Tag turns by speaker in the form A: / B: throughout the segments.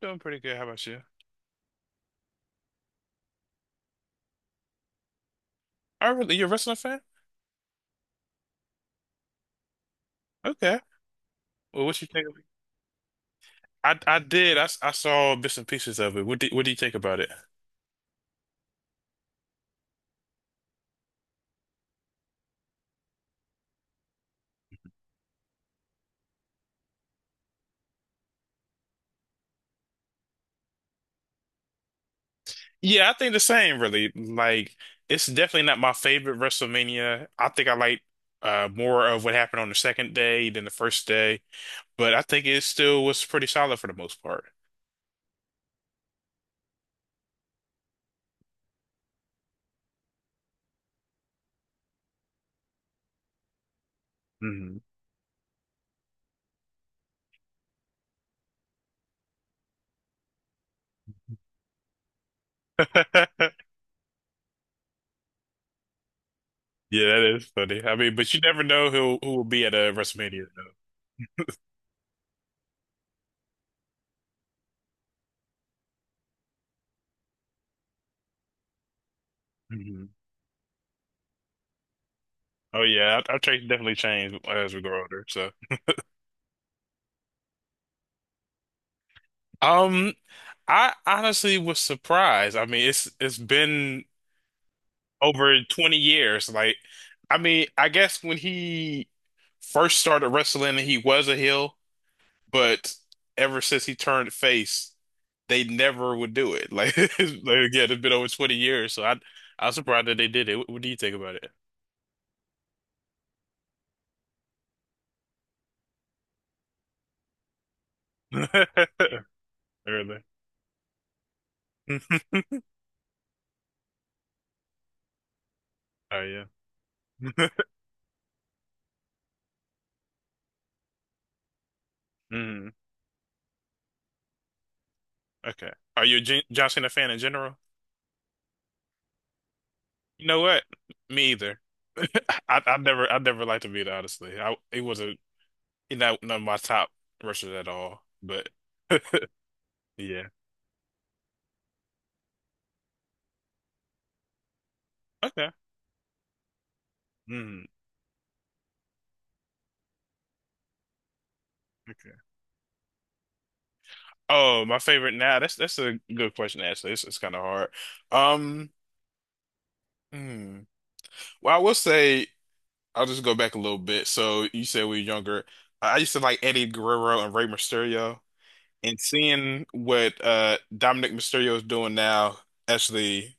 A: Doing pretty good. How about you? Oh, really? You're a wrestling fan? Okay. Well, what you think of it? I did. I saw bits and pieces of it. What do you think about it? Yeah, I think the same, really. Like, it's definitely not my favorite WrestleMania. I think I like more of what happened on the second day than the first day, but I think it still was pretty solid for the most part. Hmm Yeah, that is funny. I mean, but you never know who will be at a WrestleMania though. Hmm Oh yeah, our taste definitely changed as we grow older. So. Um, I honestly was surprised. I mean, it's been over 20 years. Like, I mean, I guess when he first started wrestling, he was a heel, but ever since he turned face, they never would do it. Like, it's- like again, it's been over 20 years, so I was surprised that they did it. What do you think about it? Really? Oh yeah. Mhm. Okay. Are you a Jon John Cena fan in general? You know what? Me either. I never liked Embiid, honestly. I it wasn't he's not none of my top rushers at all. But yeah. Okay. Mm, okay. Oh, my favorite now. That's a good question, actually. It's kind of hard. Um hmm. Well, I will say I'll just go back a little bit. So you said we were younger. I used to like Eddie Guerrero and Rey Mysterio. And seeing what Dominic Mysterio is doing now, actually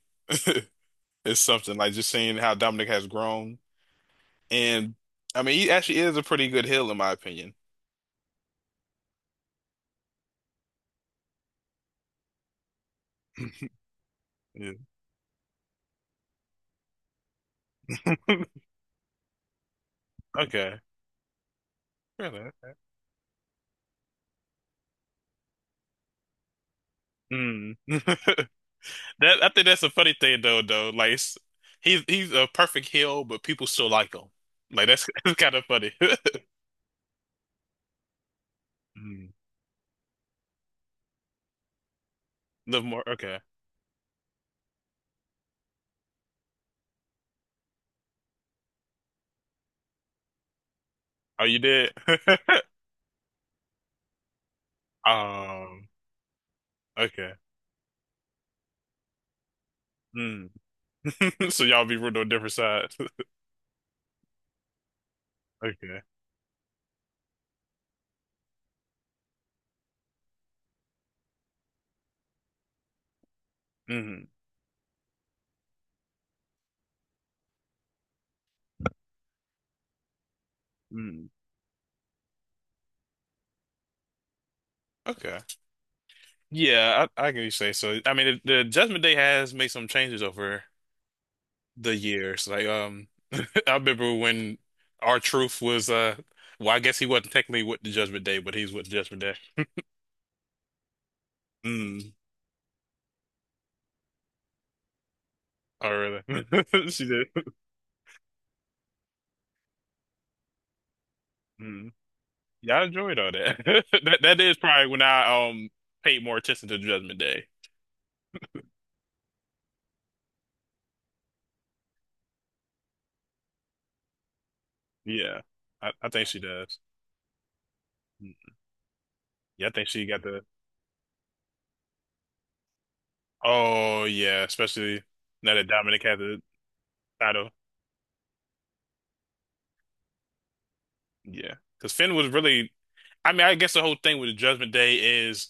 A: it's something like just seeing how Dominic has grown. And I mean, he actually is a pretty good heel, in my opinion. Yeah. Okay. Really? Mm. That I think that's a funny thing though. Though, like it's- he's a perfect heel, but people still like him. Like that's, that's kind of funny. Mm. Live more. Okay. Oh, you did. Um. Okay. Mm. So y'all be rooting on different sides. Okay. Mm. Mm. Okay. Yeah, I can say so. I mean, the Judgment Day has made some changes over the years. Like, I remember when our truth was, well, I guess he wasn't technically with the Judgment Day, but he's with the Judgment Day. Mm. Oh, really? She did. Mm. Yeah, I enjoyed all that. That is probably when I paid more attention to Judgment Day. Yeah, I think she does. Mm. Yeah, I think she got the. Oh yeah, especially now that Dominic had the title. Yeah, because Finn was really I mean, I guess the whole thing with the Judgment Day is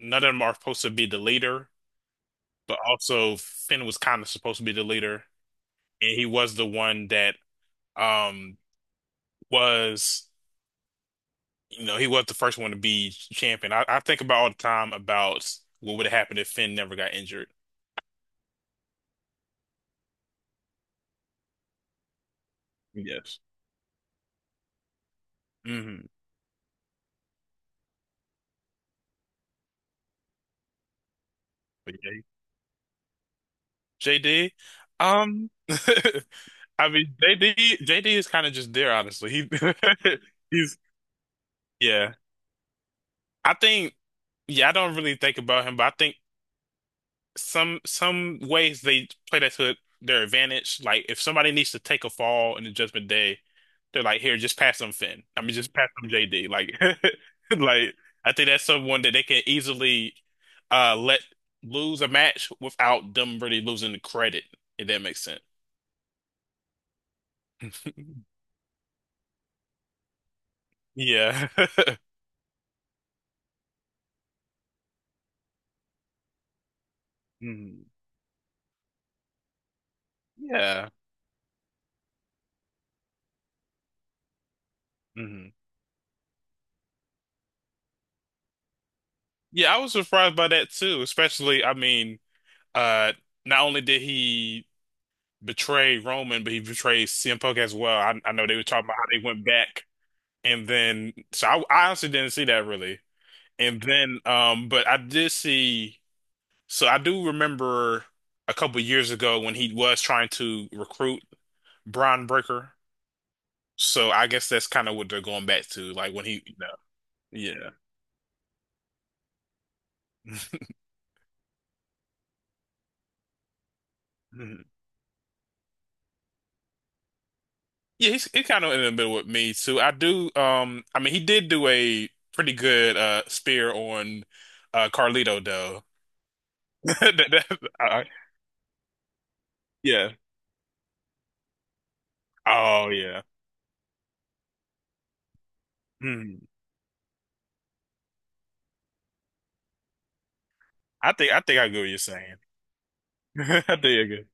A: none of them are supposed to be the leader, but also Finn was kind of supposed to be the leader, and he was the one that um was, you know, he was the first one to be champion. I think about all the time about what would have happened if Finn never got injured. Yes. Mm-hmm. But yeah, JD, um, I mean, JD is kind of just there, honestly. He, he's, yeah. I think. Yeah, I don't really think about him, but I think some ways they play that to their advantage. Like if somebody needs to take a fall in the Judgment Day, they're like, here, just pass them Finn. I mean, just pass them JD. Like, like I think that's someone that they can easily let lose a match without them really losing the credit, if that makes sense. Yeah. Mhm. Yeah. Mhm. Yeah, I was surprised by that too, especially I mean, uh not only did he betrayed Roman, but he betrayed CM Punk as well. I know they were talking about how they went back, and then so I honestly didn't see that really. And then, but I did see. So I do remember a couple years ago when he was trying to recruit Braun Breaker. So I guess that's kind of what they're going back to, like when he, you know, yeah. Mhm. Yeah, he's kind of in the middle with me too. I do. I mean, he did do a pretty good spear on Carlito though. That- that- I- yeah. Oh yeah. Hmm. I think I get what you're saying. I think I get.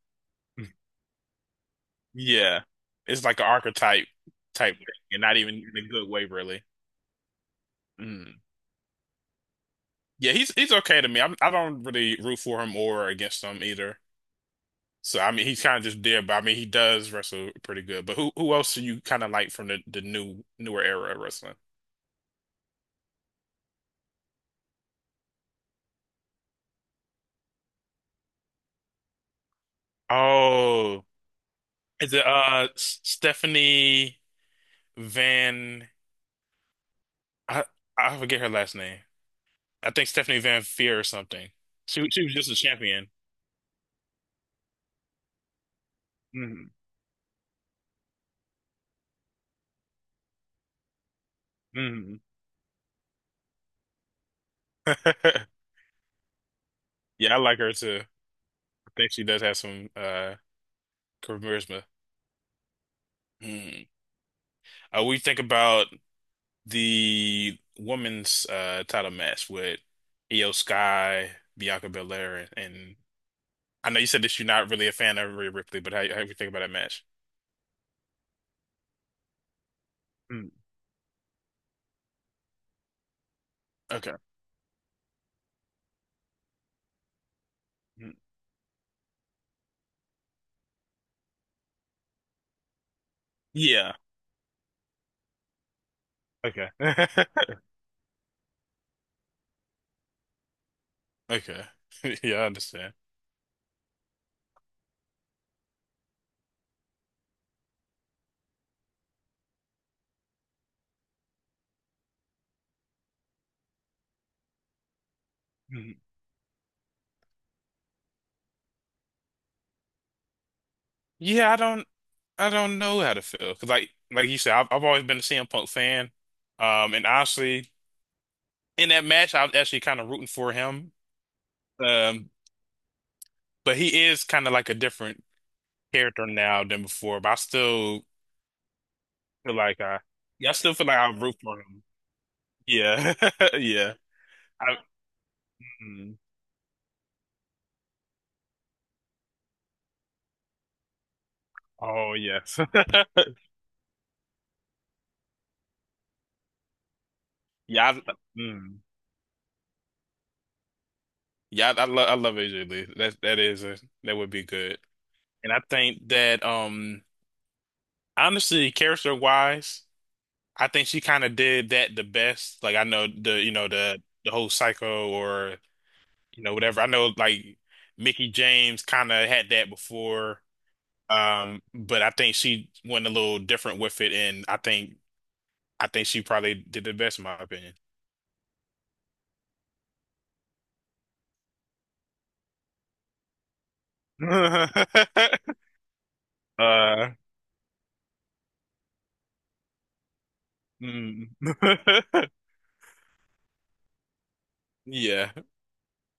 A: Yeah. It's like an archetype type thing, and not even in a good way, really. Mm. Yeah, he's okay to me. I don't really root for him or against him either. So I mean, he's kind of just there, but I mean, he does wrestle pretty good. But who else do you kind of like from the new newer era of wrestling? Oh, is it Stephanie Van? I I forget her last name. I think Stephanie Van Feer or something. She was just a champion. Hmm hmm Yeah, I like her too. I think she does have some charisma. Mm. We think about the women's title match with Io Sky, Bianca Belair, and I know you said that you're not really a fan of Rhea Ripley, but how you think about that match? Mm. Okay. Mm. Yeah. Okay. Okay. Yeah, I understand. Mhm. Yeah, I don't. I don't know how to feel because, like you said, I've always been a CM Punk fan. And honestly, in that match, I was actually kind of rooting for him. Um, but he is kind of like a different character now than before. But I still feel like yeah, I still feel like I root for him. Yeah, yeah. I, mm. Oh yes. Yeah, mm. Yeah, I love AJ Lee. That that is a, that would be good. And I think that honestly, character wise. I think she kind of did that the best. Like I know the you know the whole Psycho or you know whatever. I know like Mickey James kind of had that before, but I think she went a little different with it, and I think she probably did the best in my opinion. Uh, mm. Yeah,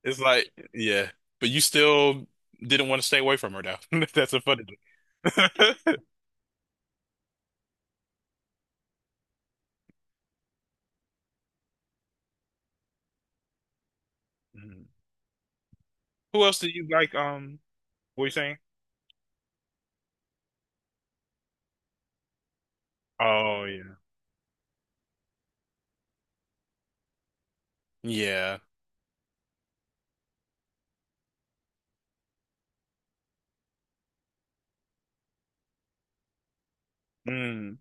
A: it's like yeah, but you still didn't want to stay away from her though. That's the funny thing. Mhm. Who else do you like? What you saying? Oh yeah. Yeah. Mm,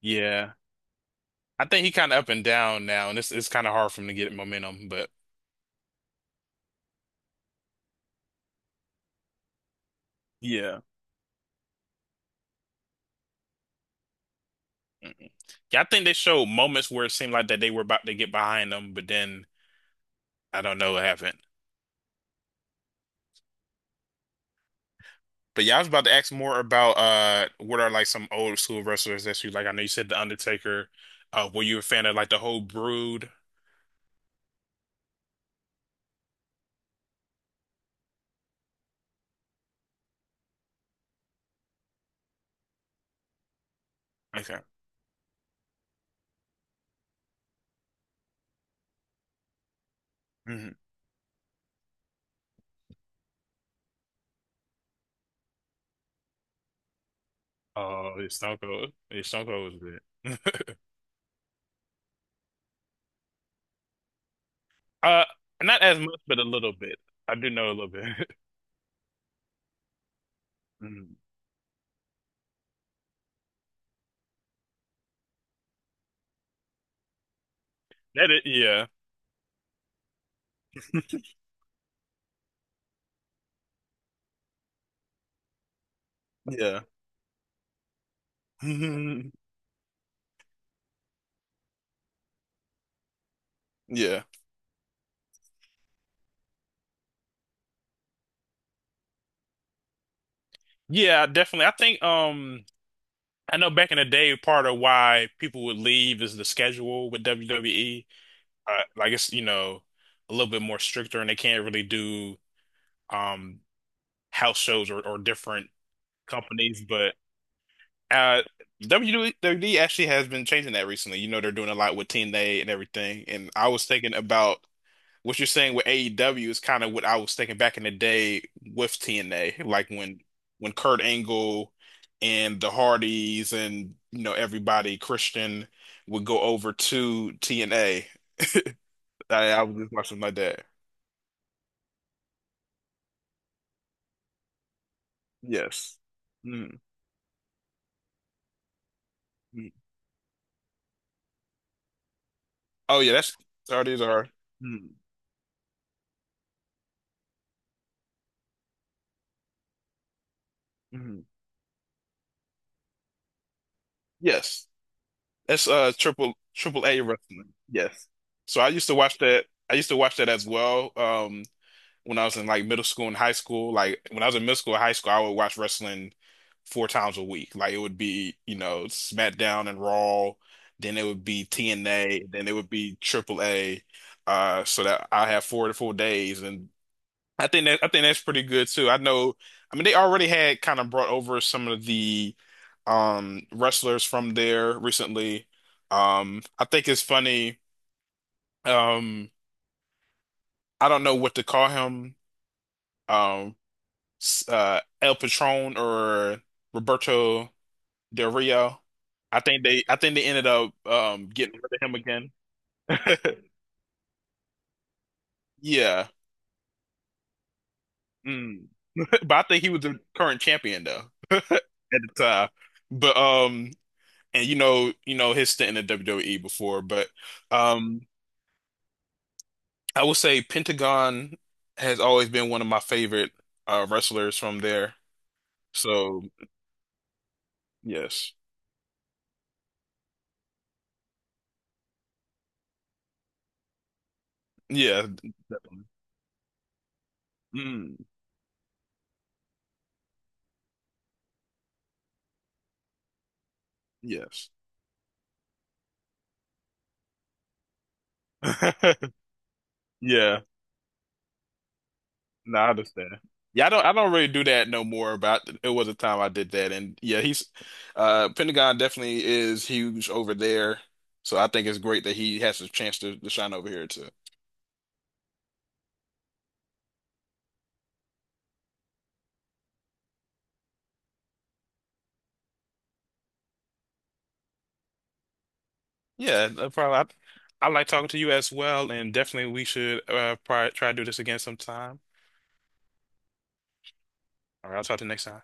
A: yeah. I think he kind of up and down now, and it's kind of hard for him to get momentum. But yeah, mm-mm, yeah. I think they showed moments where it seemed like that they were about to get behind them, but then I don't know what happened. But yeah, I was about to ask more about what are like some old school wrestlers that you like? I know you said The Undertaker. Were you a fan of like the whole Brood? Okay. hmm Oh, it's Stone Cold. It's Stone Cold was good. Uh, not as much, but a little bit. I do know a little bit. That is, yeah, yeah, yeah, yeah. Definitely. I think I know back in the day, part of why people would leave is the schedule with WWE. Like it's you know a little bit more stricter, and they can't really do um house shows or different companies. But uh, WWE actually has been changing that recently. You know, they're doing a lot with Team Day and everything. And I was thinking about what you're saying with AEW is kind of what I was thinking back in the day with TNA, like when Kurt Angle and the Hardys and you know everybody Christian would go over to TNA. I, I was just watching my dad. Yes. Mm, mm. Oh yeah, that's Hardys are. Mm, mm. Yes, that's triple A wrestling. Yes. So I used to watch that. I used to watch that as well. When I was in like middle school and high school. Like when I was in middle school and high school, I would watch wrestling four times a week. Like it would be, you know, SmackDown and Raw, then it would be TNA, then it would be Triple A. So that I have 4 to 4 days, and I think that's pretty good too. I know, I mean, they already had kind of brought over some of the wrestlers from there recently. I think it's funny. Um, I don't know what to call him. Um, El Patron or Roberto Del Rio. I think they ended up getting rid of him again. Yeah. Mm. But I think he was the current champion though at the time. But and you know his stint in the WWE before, but um I would say Pentagon has always been one of my favorite wrestlers from there. So, yes. Yeah. Mm, yes. Yeah. No, I understand. Yeah, I don't really do that no more, but it was a time I did that. And yeah, he's Pentagon definitely is huge over there. So I think it's great that he has a chance to shine over here too. Yeah, no problem. I like talking to you as well, and definitely we should probably try to do this again sometime. All right, I'll talk to you next time.